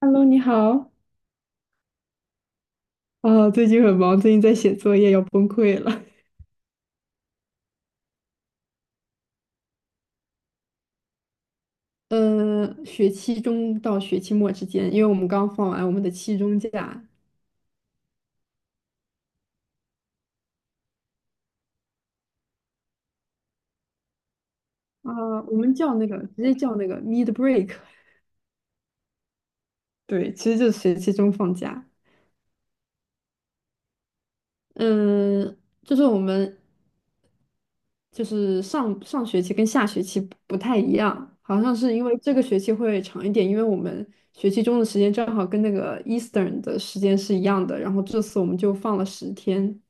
Hello，你好。最近很忙，最近在写作业，要崩溃了。嗯，学期中到学期末之间，因为我们刚放完我们的期中假，我们叫那个直接叫那个 mid break，对，其实就是学期中放假。就是我们上上学期跟下学期不太一样，好像是因为这个学期会长一点，因为我们学期中的时间正好跟那个 Eastern 的时间是一样的，然后这次我们就放了10天。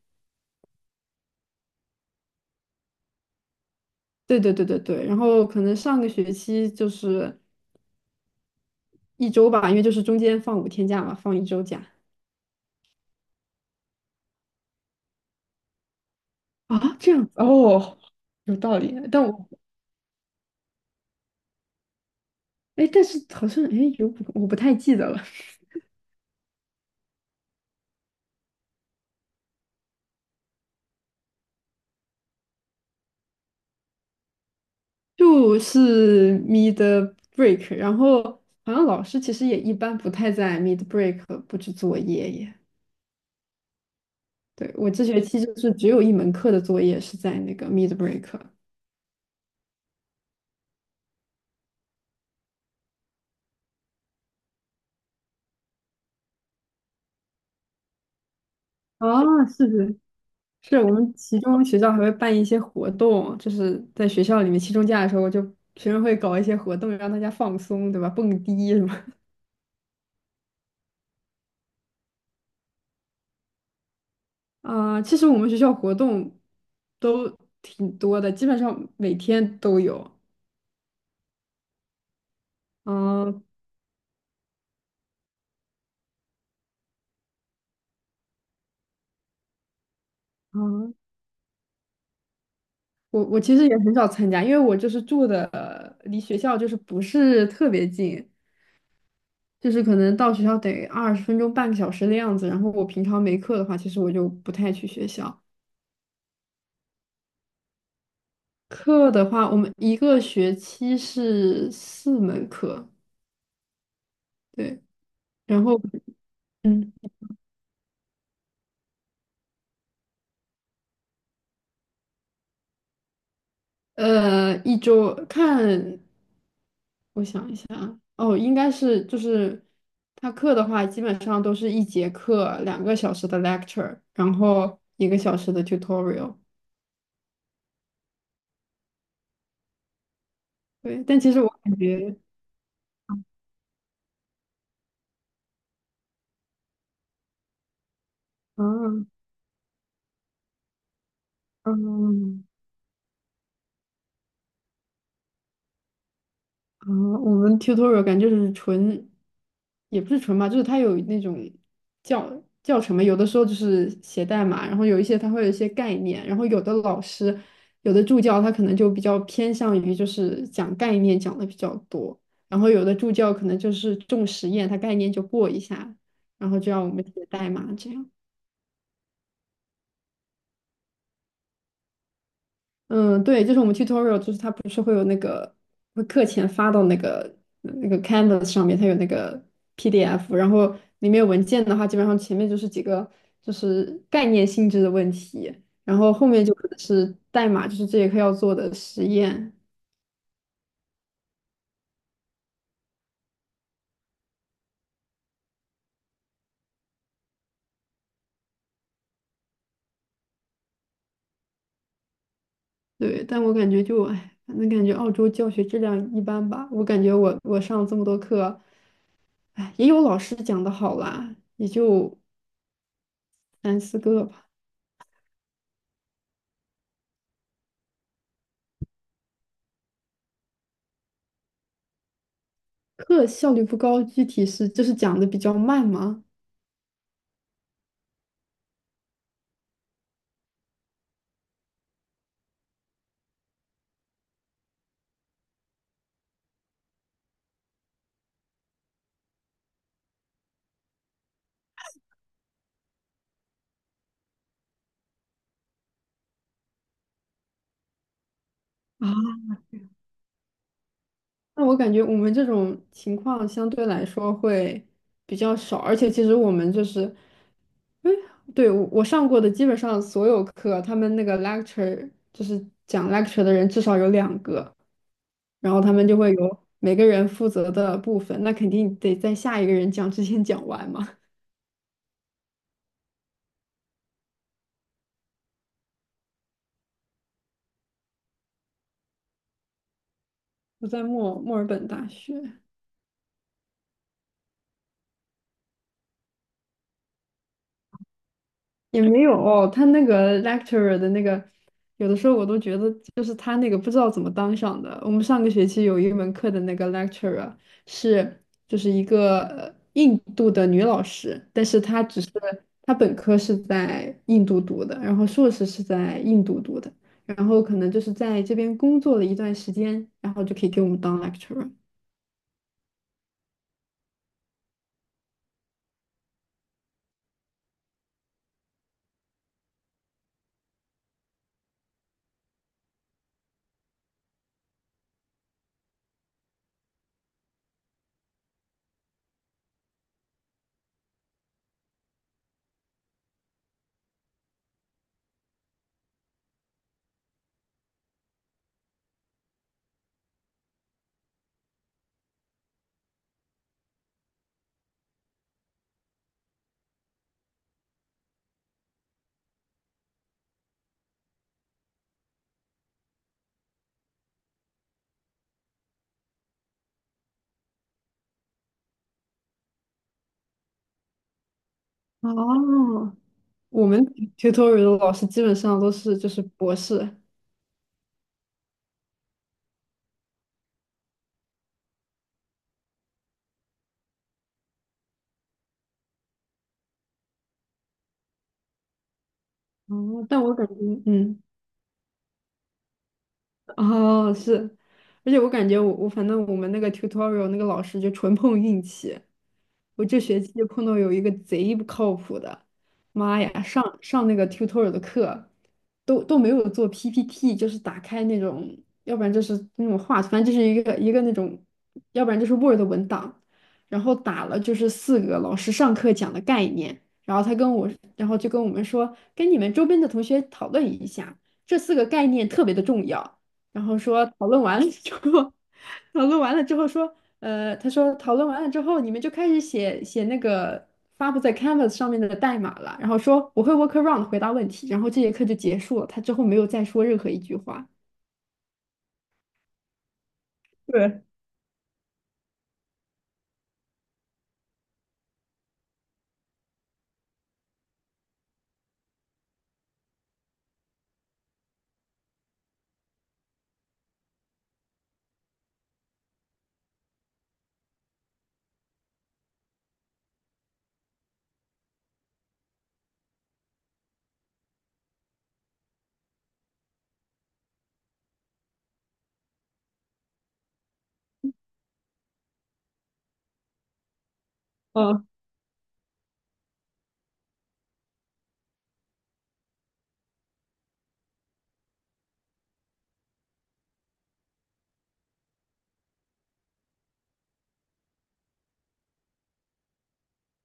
对对对对对，然后可能上个学期就是一周吧，因为就是中间放5天假嘛，放一周假。这样子哦，有道理。但是好像我不太记得了。就是 mid break，然后好像老师其实也一般不太在 mid break 布置作业耶。对，我这学期就是只有一门课的作业是在那个 mid break。啊，是的。是我们期中学校还会办一些活动，就是在学校里面期中假的时候，就学生会搞一些活动，让大家放松，对吧？蹦迪什么。 其实我们学校活动都挺多的，基本上每天都有。嗯、嗯、我其实也很少参加，因为我就是住的离学校就是不是特别近，就是可能到学校得20分钟、半个小时的样子。然后我平常没课的话，其实我就不太去学校。课的话，我们一个学期是4门课，对，然后嗯，一周看，我想一下啊，哦，应该是就是他课的话，基本上都是一节课2个小时的 lecture，然后1个小时的 tutorial，对，但其实我感觉，嗯嗯。嗯，我们 tutorial 感觉就是纯，也不是纯吧，就是它有那种教教程嘛，有的时候就是写代码，然后有一些它会有一些概念，有的助教他可能就比较偏向于就是讲概念讲的比较多，然后有的助教可能就是重实验，他概念就过一下，然后就让我们写代码这样。嗯，对，就是我们 tutorial，就是它不是会有那个会课前发到那个 Canvas 上面，它有那个 PDF，然后里面有文件的话，基本上前面就是几个就是概念性质的问题，然后后面就可能是代码，就是这节课要做的实验。对，但我感觉就哎，反正感觉澳洲教学质量一般吧。我感觉我上了这么多课，哎，也有老师讲的好啦，也就三四个吧。课效率不高，具体是就是讲的比较慢吗？啊，那我感觉我们这种情况相对来说会比较少，而且其实我们就是，哎，对，我上过的基本上所有课，他们那个 lecture 就是讲 lecture 的人至少有2个，然后他们就会有每个人负责的部分，那肯定得在下一个人讲之前讲完嘛。我在墨尔本大学，也没有哦他那个 lecturer 的那个，有的时候我都觉得就是他那个不知道怎么当上的。我们上个学期有一门课的那个 lecturer 是就是一个印度的女老师，但是她只是她本科是在印度读的，然后硕士是在印度读的，然后可能就是在这边工作了一段时间，然后就可以给我们当 lecturer。哦，我们 tutorial 的老师基本上都是就是博士。哦，但我感觉，嗯。哦，是，而且我感觉我反正我们那个 tutorial 那个老师就纯碰运气，我这学期就碰到有一个贼不靠谱的，妈呀，上那个 tutorial 的课都没有做 PPT，就是打开那种，要不然就是那种画图，反正就是一个一个那种，要不然就是 Word 文档，然后打了就是四个老师上课讲的概念，然后他跟我，然后就跟我们说，跟你们周边的同学讨论一下，这四个概念特别的重要。然后说讨论完了之后，讨论完了之后说，讨论完了之后，你们就开始写那个发布在 Canvas 上面的代码了。然后说我会 workaround 回答问题，然后这节课就结束了。他之后没有再说任何一句话。对，嗯，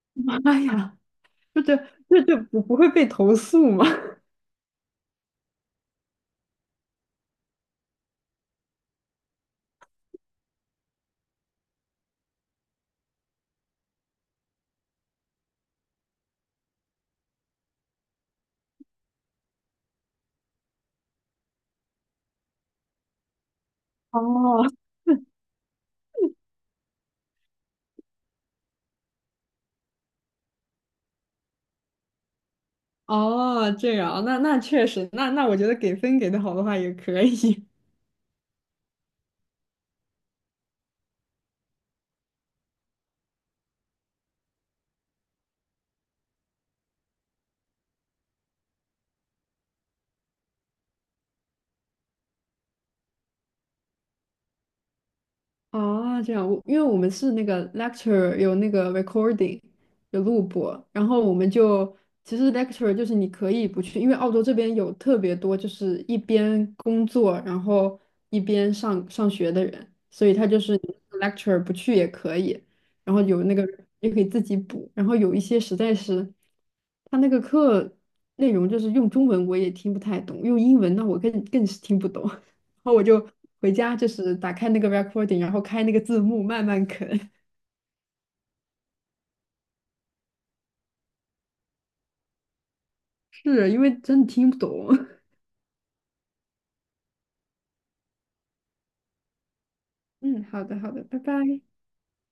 妈呀，这这这不会被投诉吗？哦，哦，这样，那那确实，那那我觉得给分给的好的话也可以。啊，这样，我因为我们是那个 lecture 有那个 recording 有录播，然后我们就其实 lecture 就是你可以不去，因为澳洲这边有特别多就是一边工作然后一边上学的人，所以他就是 lecture 不去也可以，然后有那个也可以自己补，然后有一些实在是他那个课内容就是用中文我也听不太懂，用英文那我更是听不懂。然后我就回家，就是打开那个 recording，然后开那个字幕慢慢啃，是因为真的听不懂。嗯，好的，好的，拜拜。